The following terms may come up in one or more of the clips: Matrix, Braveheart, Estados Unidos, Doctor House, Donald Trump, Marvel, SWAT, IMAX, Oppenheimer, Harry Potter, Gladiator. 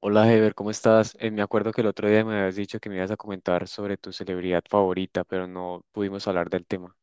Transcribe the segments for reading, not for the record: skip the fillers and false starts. Hola Heber, ¿cómo estás? Me acuerdo que el otro día me habías dicho que me ibas a comentar sobre tu celebridad favorita, pero no pudimos hablar del tema.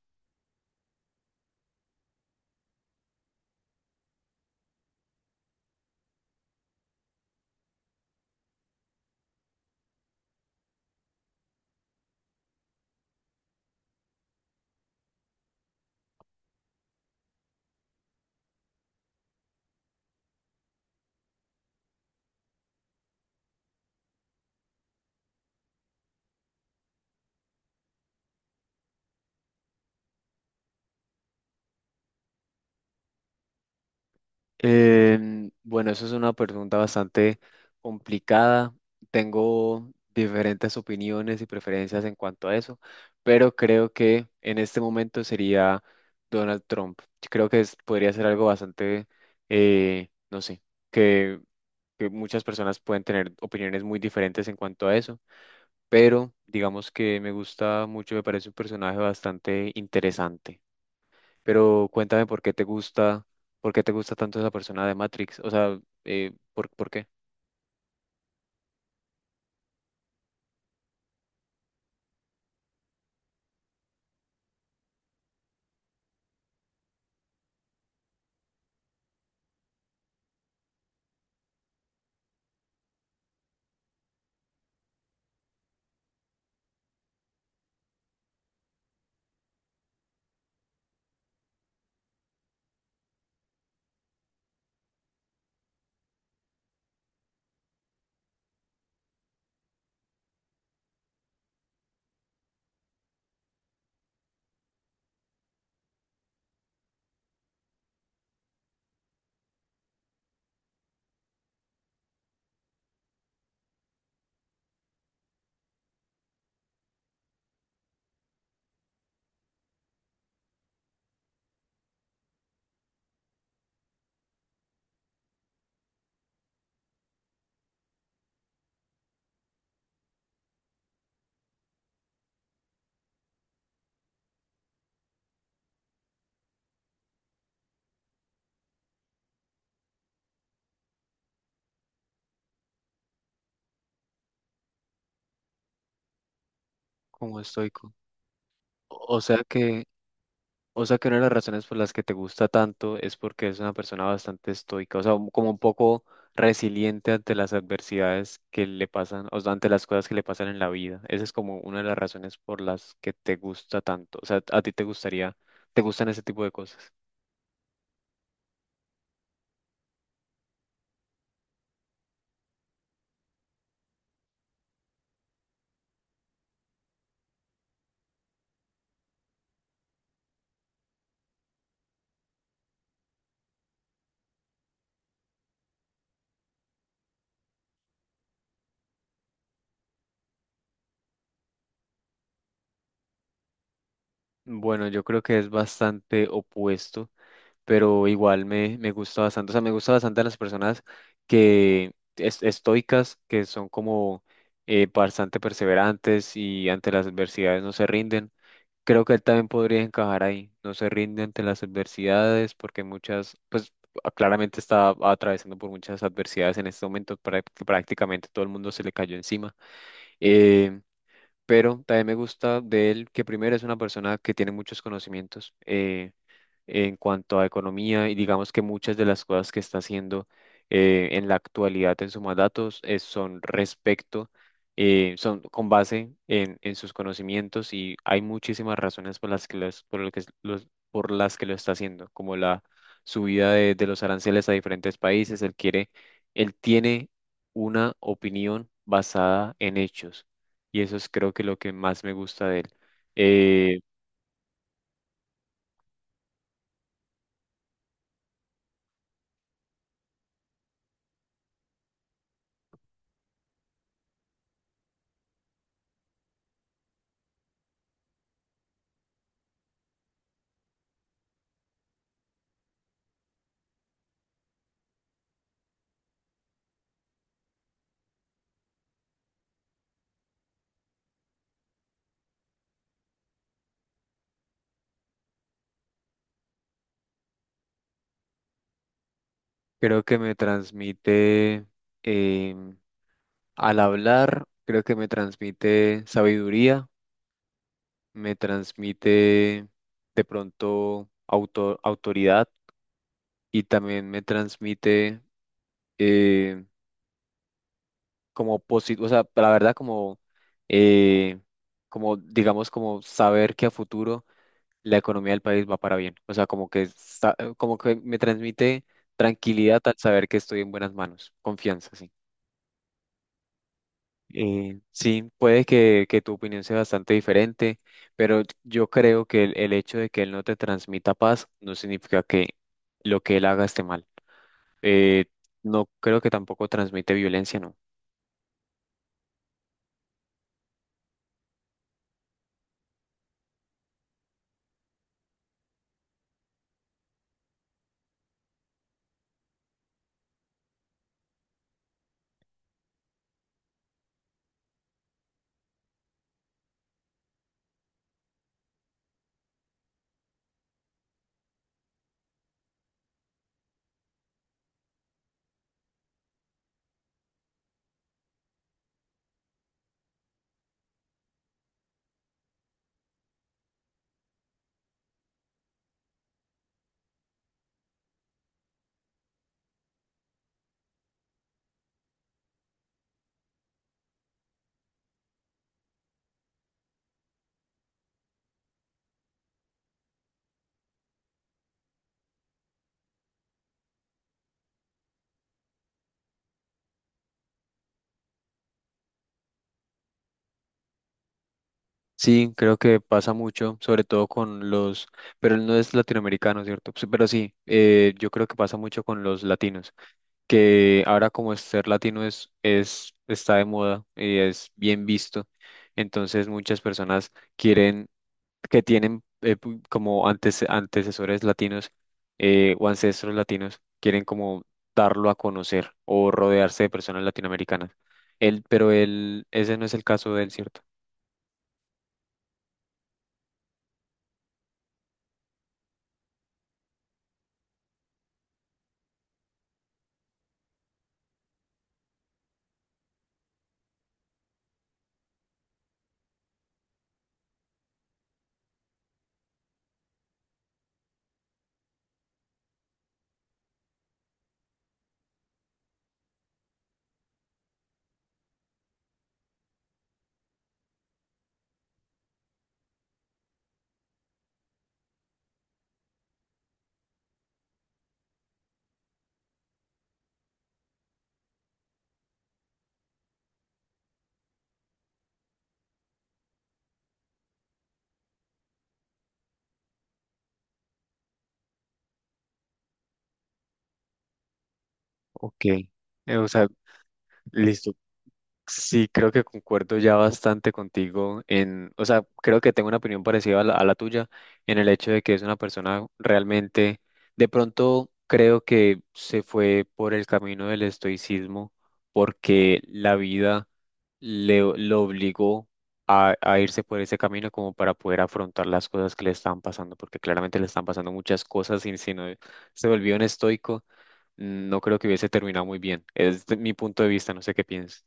Bueno, eso es una pregunta bastante complicada. Tengo diferentes opiniones y preferencias en cuanto a eso, pero creo que en este momento sería Donald Trump. Creo que podría ser algo bastante, no sé, que que muchas personas pueden tener opiniones muy diferentes en cuanto a eso, pero digamos que me gusta mucho, me parece un personaje bastante interesante. Pero cuéntame por qué te gusta, por qué te gusta tanto esa persona de Matrix, o sea, por qué? Como estoico. O sea que, o sea que una de las razones por las que te gusta tanto es porque es una persona bastante estoica, o sea, como un poco resiliente ante las adversidades que le pasan, o sea, ante las cosas que le pasan en la vida. Esa es como una de las razones por las que te gusta tanto. O sea, a ti te gustaría, te gustan ese tipo de cosas. Bueno, yo creo que es bastante opuesto, pero igual me gusta bastante. O sea, me gusta bastante las personas que estoicas, que son como bastante perseverantes y ante las adversidades no se rinden. Creo que él también podría encajar ahí. No se rinde ante las adversidades porque muchas, pues claramente está atravesando por muchas adversidades en este momento, que prácticamente todo el mundo se le cayó encima. Eh, pero también me gusta de él que primero es una persona que tiene muchos conocimientos. En cuanto a economía y digamos que muchas de las cosas que está haciendo en la actualidad en su mandato son respecto, son con base en sus conocimientos y hay muchísimas razones por las por lo que por las que lo está haciendo, como la subida de los aranceles a diferentes países, él quiere, él tiene una opinión basada en hechos y eso es creo que lo que más me gusta de él. Eh, Creo que me transmite, em, al hablar, creo que me transmite sabiduría, me transmite de pronto autoridad y también me transmite eh, como positivo, o sea, la verdad como, eh, como digamos como saber que a futuro la economía del país va para bien, o sea, como como que me transmite tranquilidad al saber que estoy en buenas manos, confianza, sí. Sí, puede que tu opinión sea bastante diferente, pero yo creo que el hecho de que él no te transmita paz no significa que lo que él haga esté mal. Eh, no creo que tampoco transmite violencia, ¿no? Sí, creo que pasa mucho, sobre todo con los, pero él no es latinoamericano, ¿cierto? Sí, pero sí, yo creo que pasa mucho con los latinos, que ahora como ser latino es, está de moda y es bien visto, entonces muchas personas quieren que tienen como antes, antecesores latinos o ancestros latinos, quieren como darlo a conocer o rodearse de personas latinoamericanas. Pero él, ese no es el caso de él, ¿cierto? Ok. O sea, listo. Sí, creo que concuerdo ya bastante contigo en, o sea, creo que tengo una opinión parecida a a la tuya en el hecho de que es una persona realmente, de pronto creo que se fue por el camino del estoicismo porque la vida lo obligó a irse por ese camino como para poder afrontar las cosas que le estaban pasando, porque claramente le están pasando muchas cosas y si no se volvió un estoico, no creo que hubiese terminado muy bien. Es mi punto de vista, no sé qué piensas.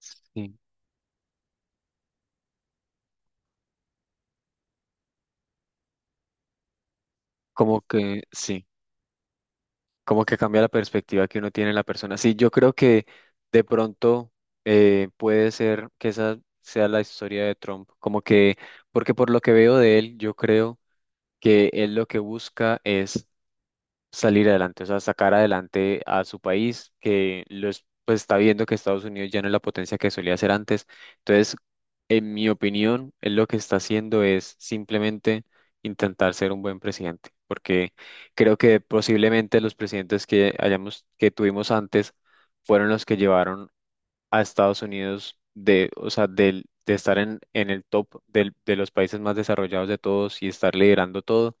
Sí, sí, como que cambia la perspectiva que uno tiene en la persona. Sí, yo creo que de pronto puede ser que esa sea la historia de Trump, como que, porque por lo que veo de él, yo creo que él lo que busca es salir adelante, o sea, sacar adelante a su país, que los, pues está viendo que Estados Unidos ya no es la potencia que solía ser antes. Entonces, en mi opinión, él lo que está haciendo es simplemente intentar ser un buen presidente, porque creo que posiblemente los presidentes que hayamos, que tuvimos antes fueron los que llevaron a Estados Unidos de, o sea, de estar en el top de los países más desarrollados de todos y estar liderando todo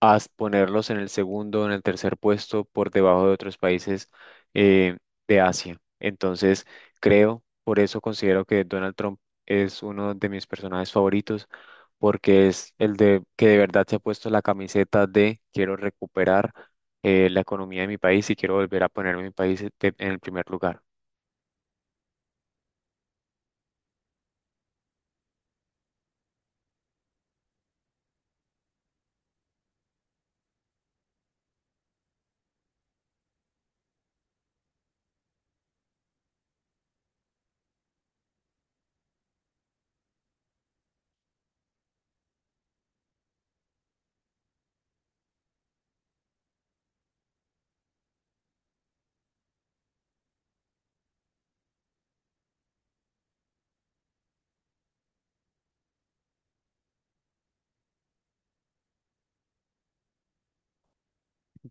a ponerlos en el segundo, en el tercer puesto, por debajo de otros países eh, de Asia. Entonces, creo, por eso considero que Donald Trump es uno de mis personajes favoritos, porque es el de que de verdad se ha puesto la camiseta de quiero recuperar la economía de mi país y quiero volver a poner mi país en el primer lugar.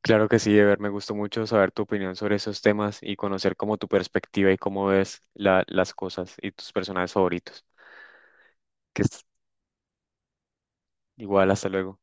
Claro que sí, Ever, me gustó mucho saber tu opinión sobre esos temas y conocer como tu perspectiva y cómo ves las cosas y tus personajes favoritos. Que estés Igual, hasta luego.